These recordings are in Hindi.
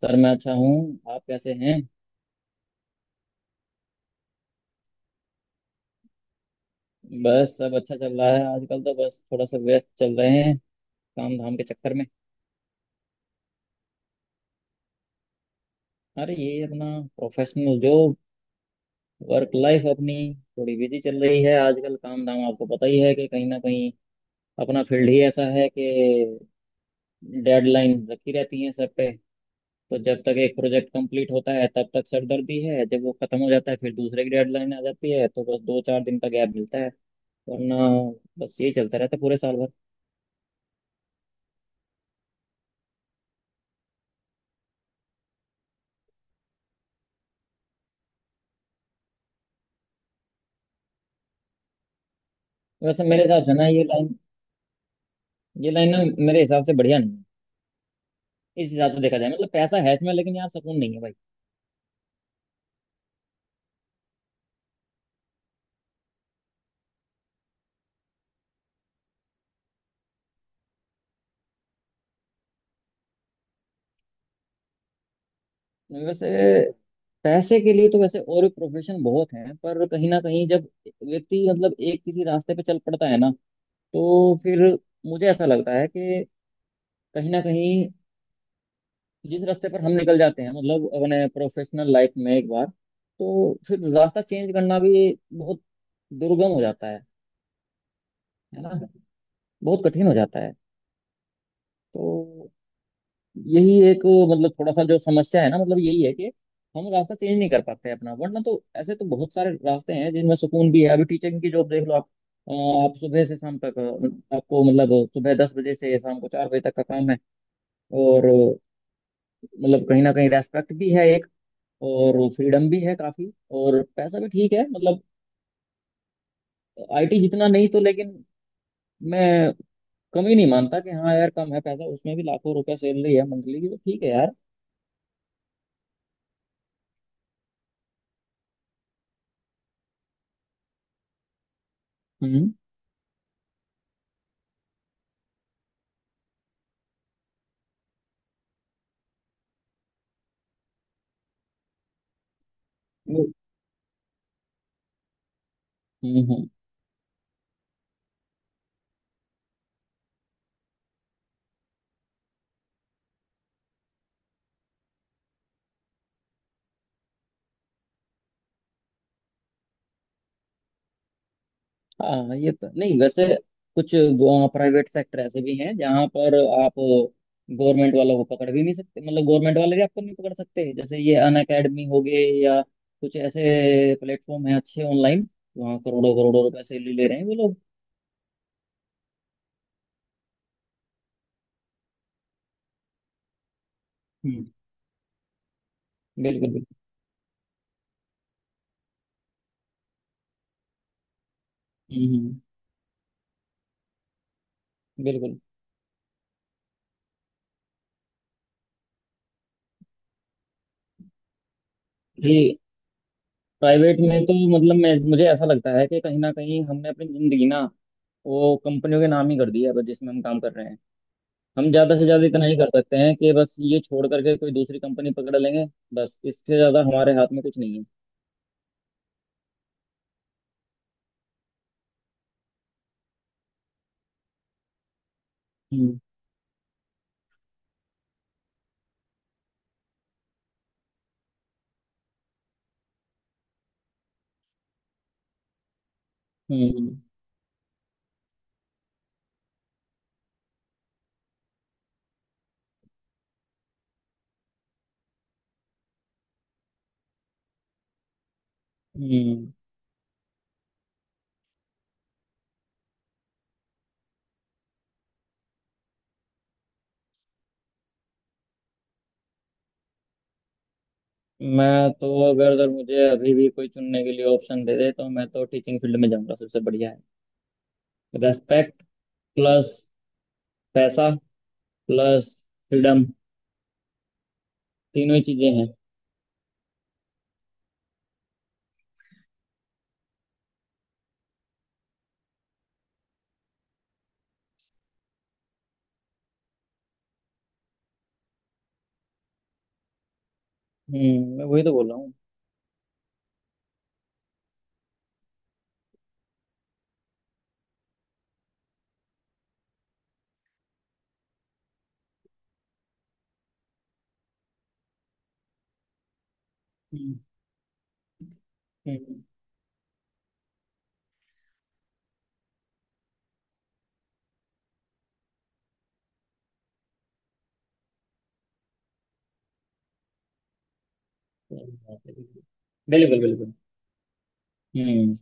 सर, मैं अच्छा हूँ। आप कैसे हैं? बस, सब अच्छा चल रहा है। आजकल तो बस थोड़ा सा व्यस्त चल रहे हैं, काम धाम के चक्कर में। अरे, ये अपना प्रोफेशनल जॉब, वर्क लाइफ अपनी थोड़ी बिजी चल रही है आजकल। काम धाम आपको पता ही है, कि कहीं ना कहीं अपना फील्ड ही ऐसा है कि डेडलाइन रखी रहती है सर पे। तो जब तक एक प्रोजेक्ट कंप्लीट होता है तब तक सरदर्दी है। जब वो खत्म हो जाता है, फिर दूसरे की डेडलाइन आ जाती है, तो बस 2-4 दिन का गैप मिलता है। वरना बस यही चलता रहता है पूरे साल भर। वैसे मेरे हिसाब से ना, ये लाइन, ये लाइन ना मेरे हिसाब से बढ़िया नहीं है। इस हिसाब से देखा जाए, मतलब पैसा है इसमें, लेकिन यार, सुकून नहीं है भाई। वैसे पैसे के लिए तो वैसे और भी प्रोफेशन बहुत हैं, पर कहीं ना कहीं जब व्यक्ति, मतलब एक किसी रास्ते पे चल पड़ता है ना, तो फिर मुझे ऐसा लगता है कि कहीं ना कहीं जिस रास्ते पर हम निकल जाते हैं, मतलब अपने प्रोफेशनल लाइफ में, एक बार तो फिर रास्ता चेंज करना भी बहुत दुर्गम हो जाता है। है ना, बहुत कठिन हो जाता है। तो यही एक, मतलब थोड़ा सा जो समस्या है ना, मतलब यही है कि हम रास्ता चेंज नहीं कर पाते हैं अपना। वरना तो ऐसे तो बहुत सारे रास्ते हैं जिनमें सुकून भी है। अभी टीचिंग की जॉब देख लो आप। आप सुबह से शाम तक, आपको मतलब सुबह 10 बजे से शाम को 4 बजे तक का काम है, और मतलब कहीं ना कहीं रेस्पेक्ट भी है एक, और फ्रीडम भी है काफी, और पैसा भी ठीक है। मतलब आईटी जितना नहीं तो, लेकिन मैं कम ही नहीं मानता कि हाँ यार कम है। पैसा उसमें भी लाखों रुपया सैलरी है मंथली की, तो ठीक है यार। हम्म, हम्म। हाँ, ये तो नहीं वैसे। कुछ प्राइवेट सेक्टर ऐसे भी हैं जहाँ पर आप गवर्नमेंट वालों को पकड़ भी नहीं सकते, मतलब गवर्नमेंट वाले भी आपको नहीं पकड़ सकते। जैसे ये अन अकेडमी हो गए, या कुछ ऐसे प्लेटफॉर्म है अच्छे ऑनलाइन। वहाँ करोड़ों करोड़ों रुपए से ले ले रहे हैं वो लोग। हम्म, बिल्कुल बिल्कुल। हम्म, बिल्कुल ये। प्राइवेट में तो मतलब मैं मुझे ऐसा लगता है कि कहीं ना कहीं हमने अपनी जिंदगी ना, वो कंपनियों के नाम ही कर दिया है जिसमें हम काम कर रहे हैं। हम ज्यादा से ज्यादा इतना ही कर सकते हैं कि बस ये छोड़ करके कोई दूसरी कंपनी पकड़ लेंगे। बस इससे ज्यादा हमारे हाथ में कुछ नहीं है। हम्म, हम्म, हम्म। मैं तो अगर अगर मुझे अभी भी कोई चुनने के लिए ऑप्शन दे दे, तो मैं तो टीचिंग फील्ड में जाऊंगा। सबसे बढ़िया है, रेस्पेक्ट प्लस पैसा प्लस फ्रीडम, तीनों ही चीजें हैं। हम्म, मैं वही तो बोल रहा हूँ। हम्म, हम्म, सही बात है, बिल्कुल बिल्कुल बिल्कुल। हम्म,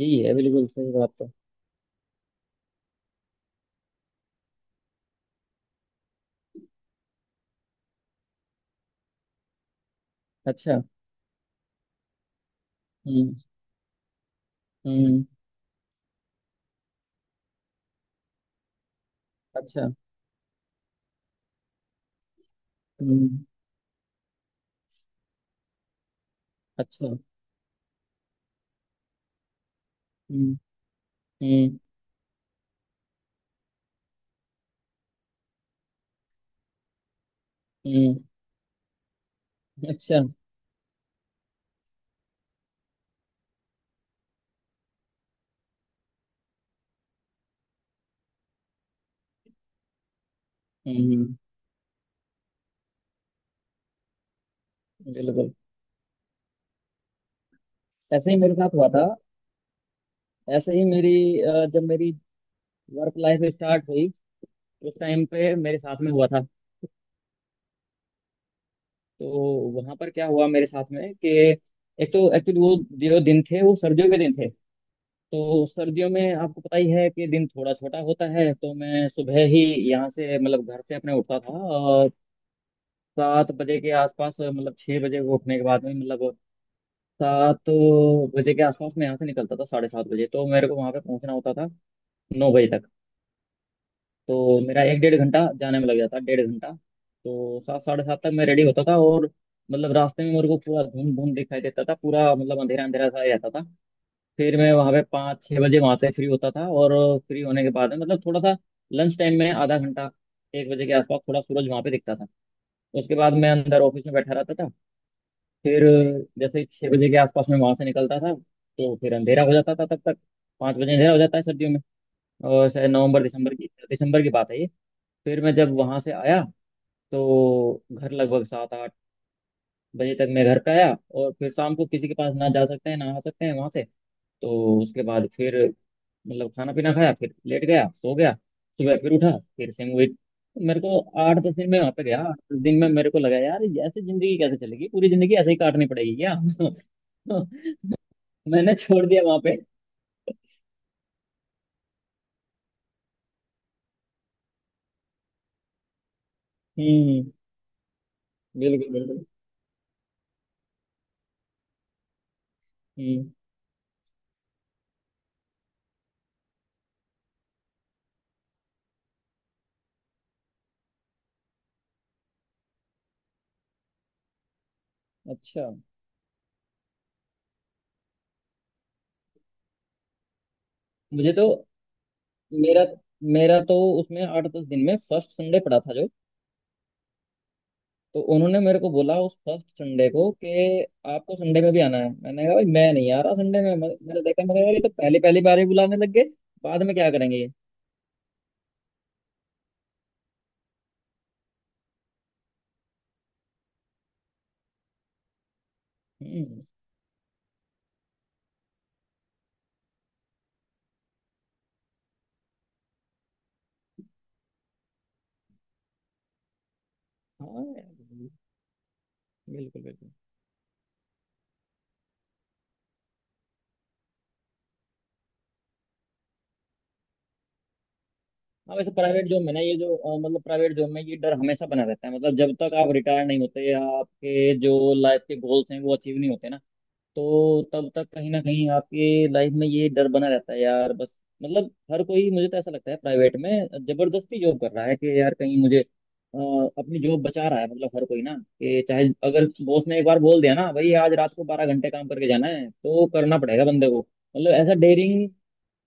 यही है, बिल्कुल सही बात है। अच्छा, हम्म, हम्म, अच्छा, हम्म, अच्छा, हम्म, हम्म, हम्म, अच्छा, हम्म, हम्म, बिल्कुल। ऐसे ही मेरे साथ हुआ था। ऐसे ही मेरी, जब मेरी वर्क लाइफ स्टार्ट हुई, उस टाइम पे मेरे साथ में हुआ था। तो वहां पर क्या हुआ मेरे साथ में, कि एक तो एक्चुअली वो जो दिन थे वो सर्दियों के दिन थे। तो सर्दियों में आपको पता ही है कि दिन थोड़ा छोटा होता है, तो मैं सुबह ही यहाँ से, मतलब घर से अपने उठता था, और 7 बजे के आसपास, मतलब 6 बजे को उठने के बाद में, मतलब 7 बजे के आसपास मैं यहाँ से निकलता था 7:30 बजे, तो मेरे को वहां पे पहुंचना होता था 9 बजे तक। तो मेरा एक 1.5 घंटा जाने में लग जाता, 1.5 घंटा, तो 7, 7:30 तक मैं रेडी होता था, और मतलब रास्ते में मेरे को पूरा धुंध धुंध दिखाई देता था, पूरा मतलब अंधेरा अंधेरा सा ही रहता था। फिर मैं वहां पे 5-6 बजे वहां से फ्री होता था, और फ्री होने के बाद में, मतलब थोड़ा सा, लंच टाइम में आधा घंटा, 1 बजे के आसपास थोड़ा सूरज वहां पे दिखता था। उसके बाद मैं अंदर ऑफिस में बैठा रहता था। फिर जैसे 6 बजे के आसपास में वहां से निकलता था, तो फिर अंधेरा हो जाता था तब तक, 5 बजे अंधेरा हो जाता है सर्दियों में। और शायद नवंबर दिसंबर की, दिसंबर की बात है ये। फिर मैं जब वहां से आया, तो घर लगभग 7-8 बजे तक मैं घर पे आया, और फिर शाम को किसी के पास ना जा सकते हैं, ना आ सकते हैं वहां से। तो उसके बाद फिर, मतलब खाना पीना खाया, फिर लेट गया, सो गया, सुबह फिर उठा, फिर से मूवी। मेरे को 8-10 दिन में वहां पे गया, 8-10 दिन में मेरे को लगा, यार ये ऐसे जिंदगी कैसे चलेगी, पूरी जिंदगी ऐसे ही काटनी पड़ेगी क्या? मैंने छोड़ दिया वहां पे। हम्म, बिल्कुल बिल्कुल। हम्म, अच्छा। मुझे तो, मेरा मेरा तो उसमें 8-10 दिन में फर्स्ट संडे पड़ा था जो, तो उन्होंने मेरे को बोला उस फर्स्ट संडे को, कि आपको संडे में भी आना है। मैंने कहा, भाई मैं नहीं आ रहा संडे में। मैंने देखा, मैंने कहा, ये तो पहली पहली बार ही बुलाने लग गए, बाद में क्या करेंगे ये। हम्म, हाँ यार, बिल्कुल बिल्कुल। हाँ वैसे प्राइवेट जॉब में ना, ये जो मतलब प्राइवेट जॉब में ये डर हमेशा बना रहता है, मतलब जब तक आप रिटायर नहीं होते, या आपके जो लाइफ के गोल्स हैं वो अचीव नहीं होते ना, तो तब तक कहीं ना कहीं आपके लाइफ में ये डर बना रहता है यार, बस। मतलब हर कोई, मुझे तो ऐसा लगता है, प्राइवेट में जबरदस्ती जॉब कर रहा है, कि यार कहीं मुझे, अ, अपनी जॉब बचा रहा है। मतलब हर कोई ना, कि चाहे अगर बॉस ने एक बार बोल दिया ना, भाई आज रात को 12 घंटे काम करके जाना है, तो करना पड़ेगा बंदे को। मतलब ऐसा डेयरिंग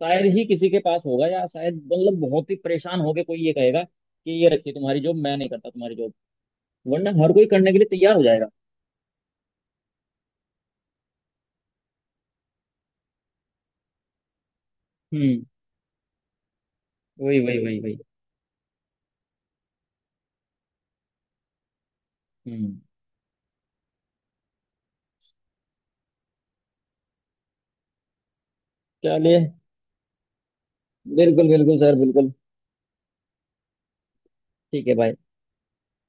शायद ही किसी के पास होगा, या शायद मतलब बहुत ही परेशान होके कोई ये कहेगा कि ये रखिए तुम्हारी जॉब, मैं नहीं करता तुम्हारी जॉब। वरना हर कोई करने के लिए तैयार हो जाएगा। हम्म, वही वही वही वही। हम्म, चलिए, बिल्कुल बिल्कुल सर, बिल्कुल। ठीक है भाई।